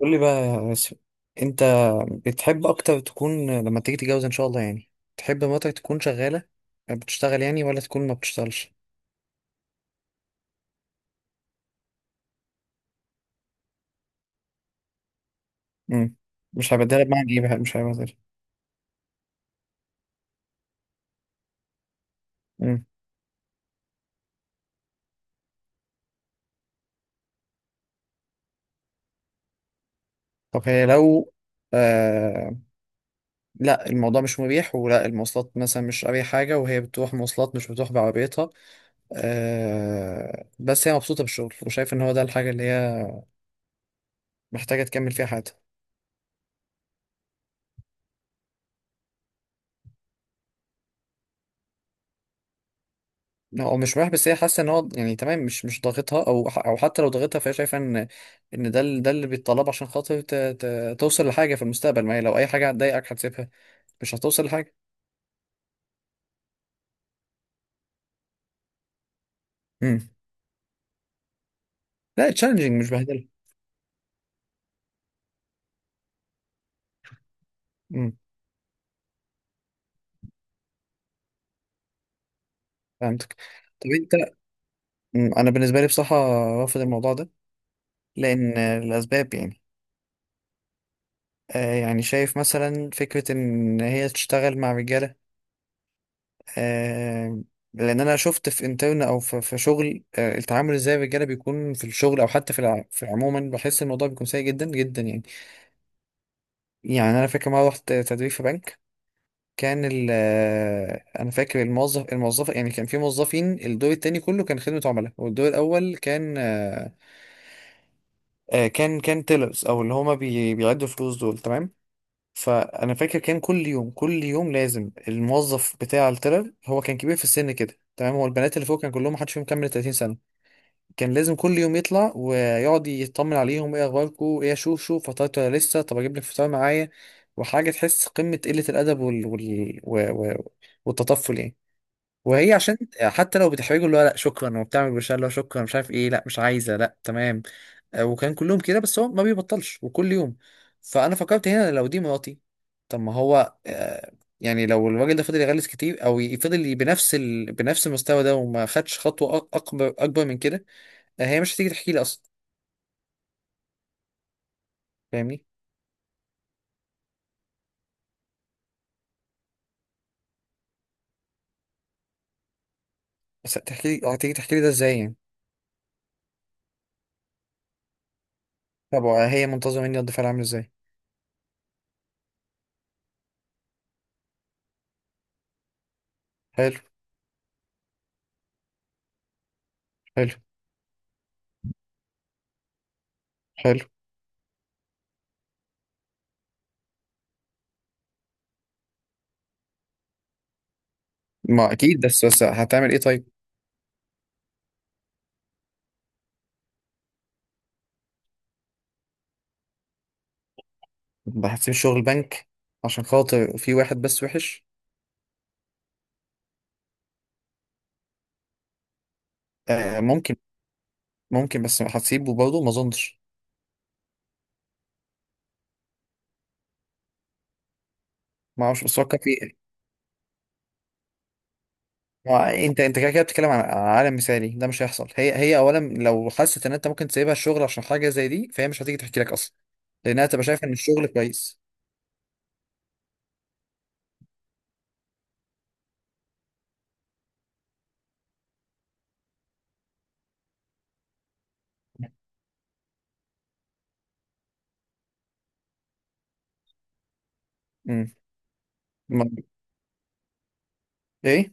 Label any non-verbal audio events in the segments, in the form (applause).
قول لي بقى يا ياسر، انت بتحب اكتر تكون لما تيجي تتجوز ان شاء الله يعني؟ تحب مراتك تكون شغاله بتشتغل يعني، ولا تكون ما بتشتغلش؟ امم مش هبدلها بمعنى ايه بقى مش هبدلها؟ امم طب هي لو آه. لا، الموضوع مش مريح، ولا المواصلات مثلا، مش أي حاجه وهي بتروح مواصلات مش بتروح بعربيتها. آه، بس هي مبسوطه بالشغل وشايف ان هو ده الحاجه اللي هي محتاجه تكمل فيها حياتها. لا، هو مش مريح بس هي حاسه ان هو يعني تمام، مش ضاغطها، او حتى لو ضاغطها فهي شايفه ان ده ده اللي بيتطلب عشان خاطر توصل لحاجه في المستقبل. ما هي لو اي حاجه هتضايقك هتسيبها مش هتوصل لحاجه. امم لا، تشالنجينج مش بهدله. امم فهمتك. طب انت؟ انا بالنسبه لي بصراحه رافض الموضوع ده. لان الاسباب يعني، آه يعني شايف مثلا فكره ان هي تشتغل مع رجاله. آه، لان انا شفت في انترن او في شغل، التعامل ازاي الرجاله بيكون في الشغل، او حتى في في عموما، بحس الموضوع بيكون سيء جدا جدا يعني. يعني انا فاكر مره رحت تدريب في بنك. كان ال آه، انا فاكر الموظفه يعني، كان في موظفين الدور التاني كله كان خدمه عملاء، والدور الاول كان كان تيلرز، او اللي هما بيعدوا فلوس دول تمام. فانا فاكر كان كل يوم كل يوم لازم الموظف بتاع التلر، هو كان كبير في السن كده تمام، هو البنات اللي فوق كان كلهم محدش فيهم كمل 30 سنه. كان لازم كل يوم يطلع ويقعد يطمن عليهم، ايه اخباركم، ايه، شوف شوف فطرت ولا لسه، طب اجيب لك فطار معايا. وحاجه تحس قمه قله الادب والتطفل يعني. وهي عشان حتى لو بتحرجه اللي هو لا شكرا، وبتعمل بشار اللي هو شكرا مش عارف ايه، لا مش عايزه لا تمام. آه، وكان كلهم كده بس هو ما بيبطلش وكل يوم. فانا فكرت هنا لو دي مراتي، طب ما هو آه، يعني لو الراجل ده فضل يغلس كتير او يفضل بنفس بنفس المستوى ده وما خدش خطوه اكبر من كده، آه، هي مش هتيجي تحكي لي اصلا. فاهمني؟ بس هتحكي لي؟ هتيجي تحكي لي ده ازاي يعني؟ طب آه، هي منتظره مني رد فعل عامل ازاي؟ حلو. حلو. حلو. ما اكيد، بس هتعمل ايه طيب؟ هتسيب الشغل بنك عشان خاطر في واحد بس وحش؟ آه ممكن. ممكن، بس هتسيبه برضه؟ ما اظنش. ما اعرفش بس فكر في. انت كده كده بتتكلم عن عالم مثالي، ده مش هيحصل. هي اولا لو حست ان انت ممكن تسيبها الشغل عشان حاجه زي دي فهي مش هتيجي تحكي لك اصلا. لانها تبقى شايفه ان الشغل كويس. امم ما- ايه،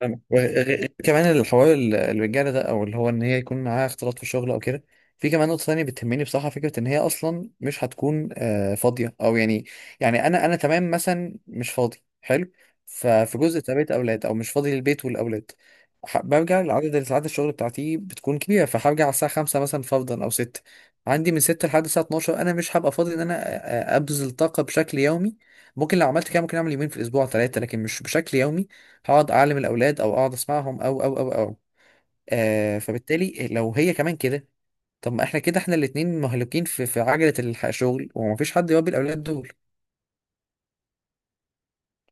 فاهمك. وغ- غ- كمان الحوار الرجاله ده، او اللي هو ان هي يكون معاها اختلاط في الشغل او كده. في كمان نقطه ثانيه بتهمني بصراحه، فكره ان هي اصلا مش هتكون آه، فاضيه او يعني. يعني انا تمام مثلا مش فاضي. حلو. ففي جزء تربيه اولاد، او مش فاضي للبيت والاولاد. برجع لعدد ساعات الشغل بتاعتي بتكون كبيره، فهرجع على الساعه 5 مثلا فرضا او 6. عندي من 6 لحد الساعه 12 انا مش هبقى فاضي ان انا ابذل طاقه بشكل يومي. ممكن لو عملت كده، ممكن اعمل يومين في الاسبوع ثلاثه، لكن مش بشكل يومي هقعد اعلم الاولاد او اقعد اسمعهم او. آه، فبالتالي لو هي كمان كده، طب ما احنا كده احنا الاتنين مهلوكين في عجلة الشغل، ومفيش حد يربي الاولاد دول.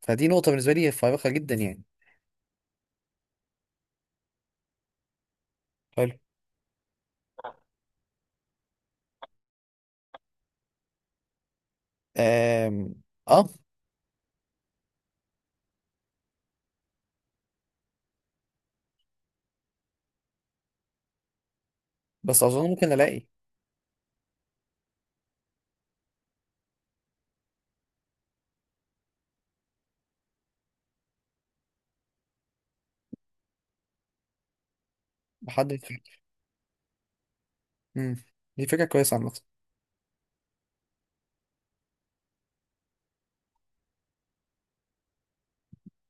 فدي نقطة بالنسبة لي فارقة جدا يعني. حلو. آم، اه، بس اظن ممكن الاقي حد يفكر. امم دي فكرة كويسة عامة.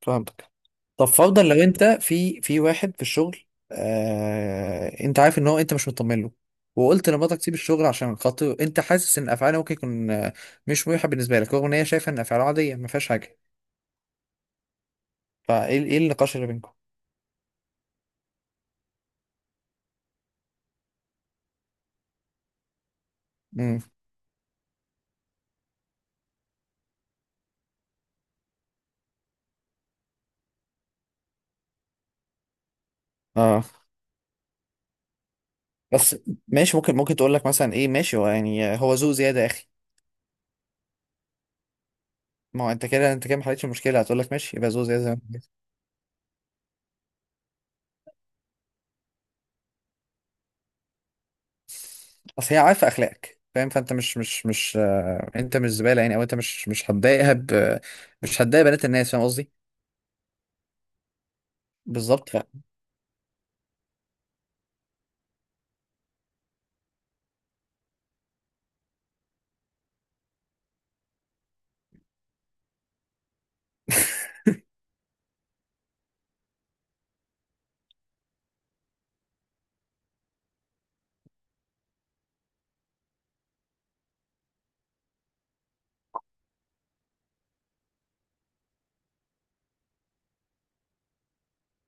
فهمتك. طب فرضا لو انت في واحد في الشغل، آه انت عارف ان هو انت مش مطمن له، وقلت لمراتك تسيب الشغل عشان خاطر انت حاسس ان افعاله ممكن يكون آه، مش مريحه بالنسبه لك، رغم ان هي شايفه ان افعاله عاديه ما فيهاش حاجه، ايه النقاش اللي بينكم؟ امم اه. بس ماشي، ممكن تقول لك مثلا ايه، ماشي هو يعني هو ذوق زياده يا اخي. ما هو انت كده انت كده ما حلتش المشكله، هتقول لك ماشي يبقى ذوق زياده. اصل هي عارفه اخلاقك فاهم، فانت مش مش مش آه، انت مش زباله يعني، او انت مش هتضايقها مش هتضايق بنات الناس، فاهم قصدي. بالظبط (laughs)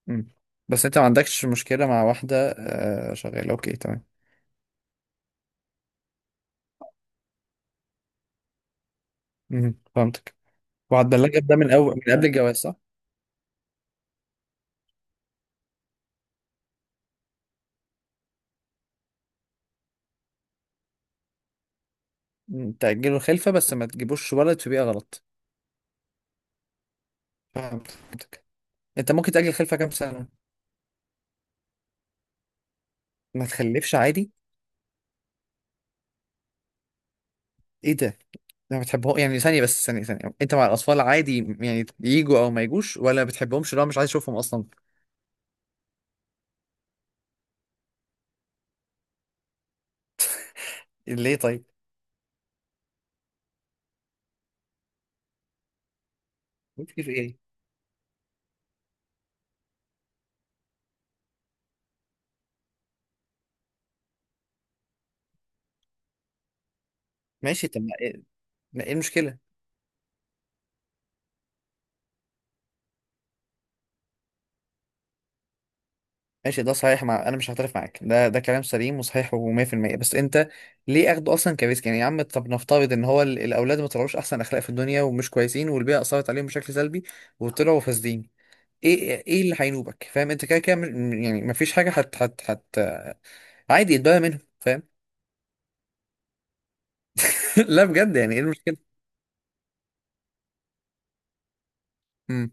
مم. بس انت ما عندكش مشكله مع واحده آه، شغاله اوكي تمام. مم. فهمتك. وهتبلغك ده من اول من قبل الجواز صح؟ مم. تاجلوا الخلفه بس ما تجيبوش ولد في بيئه غلط. فهمتك. انت ممكن تاجل الخلفه كام سنه؟ ما تخلفش عادي؟ ايه ده؟ لا بتحبهم يعني؟ ثانية، بس ثانية ثانية، انت مع الأطفال عادي يعني يجوا أو ما يجوش، ولا بتحبهمش لو مش عايز أشوفهم أصلا؟ ليه طيب؟ ممكن، في إيه؟ ماشي، طب ما إيه، ما إيه المشكلة؟ ماشي ده صحيح، مع أنا مش هعترف معاك، ده ده كلام سليم وصحيح و100%، بس أنت ليه أخده أصلا كريسك يعني يا عم؟ طب نفترض إن هو الأولاد ما طلعوش أحسن أخلاق في الدنيا ومش كويسين والبيئة أثرت عليهم بشكل سلبي وطلعوا فاسدين، إيه اللي هينوبك؟ فاهم أنت كده كده يعني ما فيش حاجة هت هت هت عادي يتبرى منهم، فاهم؟ (laughs) لا بجد، يعني إيه المشكلة؟ امم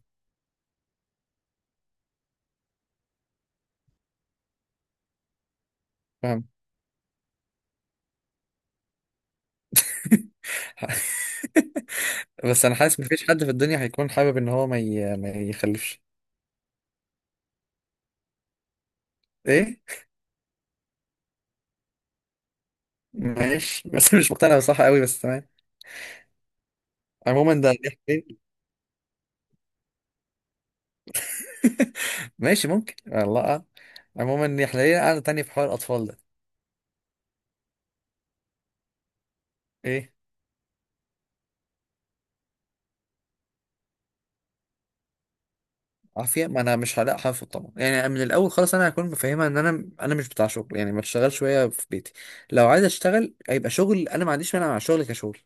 (laughs) بس انا حاسس مفيش حد في الدنيا هيكون حابب ان هو ما يخلفش. ايه؟ ماشي (laughs) بس مش مقتنع بصح قوي، بس تمام. عموما ده دي حقيقة. (laughs) ماشي ممكن والله، آه. عموما دي حلقية قاعدة تانية في حوار الأطفال ده. ايه؟ عافية. ما انا مش هلاقي حافظ طبعا يعني. من الاول خالص انا هكون مفهمها ان انا مش بتاع شغل يعني، ما تشتغل شوية في بيتي. لو عايز اشتغل هيبقى شغل، انا ما عنديش مانع مع الشغل كشغل.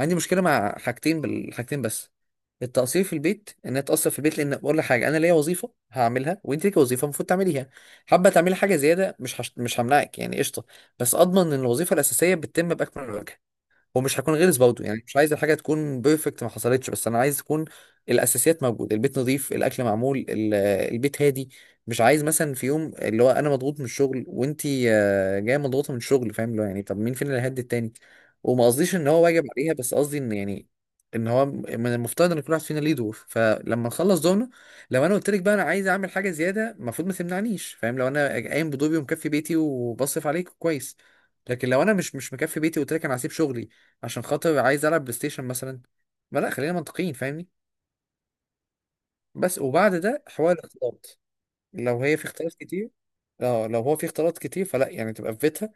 عندي مشكلة مع حاجتين، بالحاجتين بس. التقصير في البيت، ان اتقصر في البيت، لان بقول لك حاجه، انا ليا وظيفه هعملها وانت ليكي وظيفه المفروض تعمليها. حابه تعملي حاجه زياده مش همنعك يعني قشطه. بس اضمن ان الوظيفه الاساسيه بتتم باكمل وجه. ومش هكون غلس برضه يعني، مش عايز الحاجه تكون بيرفكت، ما حصلتش، بس انا عايز تكون الاساسيات موجوده، البيت نظيف، الاكل معمول، البيت هادي. مش عايز مثلا في يوم اللي هو انا مضغوط من الشغل، وانتي آه، جايه مضغوطه من الشغل، فاهم اللي هو يعني طب مين فينا اللي هيهدي التاني؟ وما قصديش ان هو واجب عليها، بس قصدي ان يعني ان هو من المفترض ان كل واحد فينا ليه دور، فلما نخلص دورنا، لو انا قلت لك بقى انا عايز اعمل حاجه زياده المفروض ما تمنعنيش، فاهم؟ لو انا قايم بدوري ومكفي بيتي وبصرف عليك كويس. لكن لو انا مش مكفي بيتي وقلت لك انا هسيب شغلي عشان خاطر عايز العب بلاي ستيشن مثلا، ما لا خلينا منطقيين فاهمني. بس وبعد ده حوار الاختلاط. لو هي في اختلاط كتير، اه لو هو في اختلاط كتير فلا يعني، تبقى في بيتها.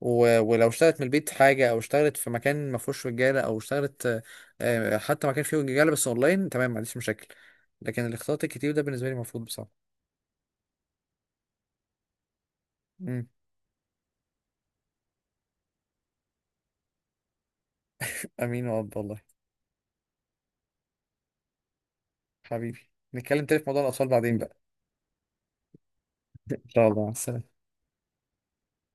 ولو اشتغلت من البيت حاجة، أو اشتغلت في مكان ما فيهوش رجالة، أو اشتغلت حتى مكان فيه رجالة بس أونلاين، تمام، ما عنديش مشاكل. لكن الاختلاط الكتير ده بالنسبة لي مرفوض بصراحة. مم. أمين وأب والله. حبيبي، نتكلم تاني في موضوع الأطفال بعدين بقى. إن شاء الله، مع السلامة.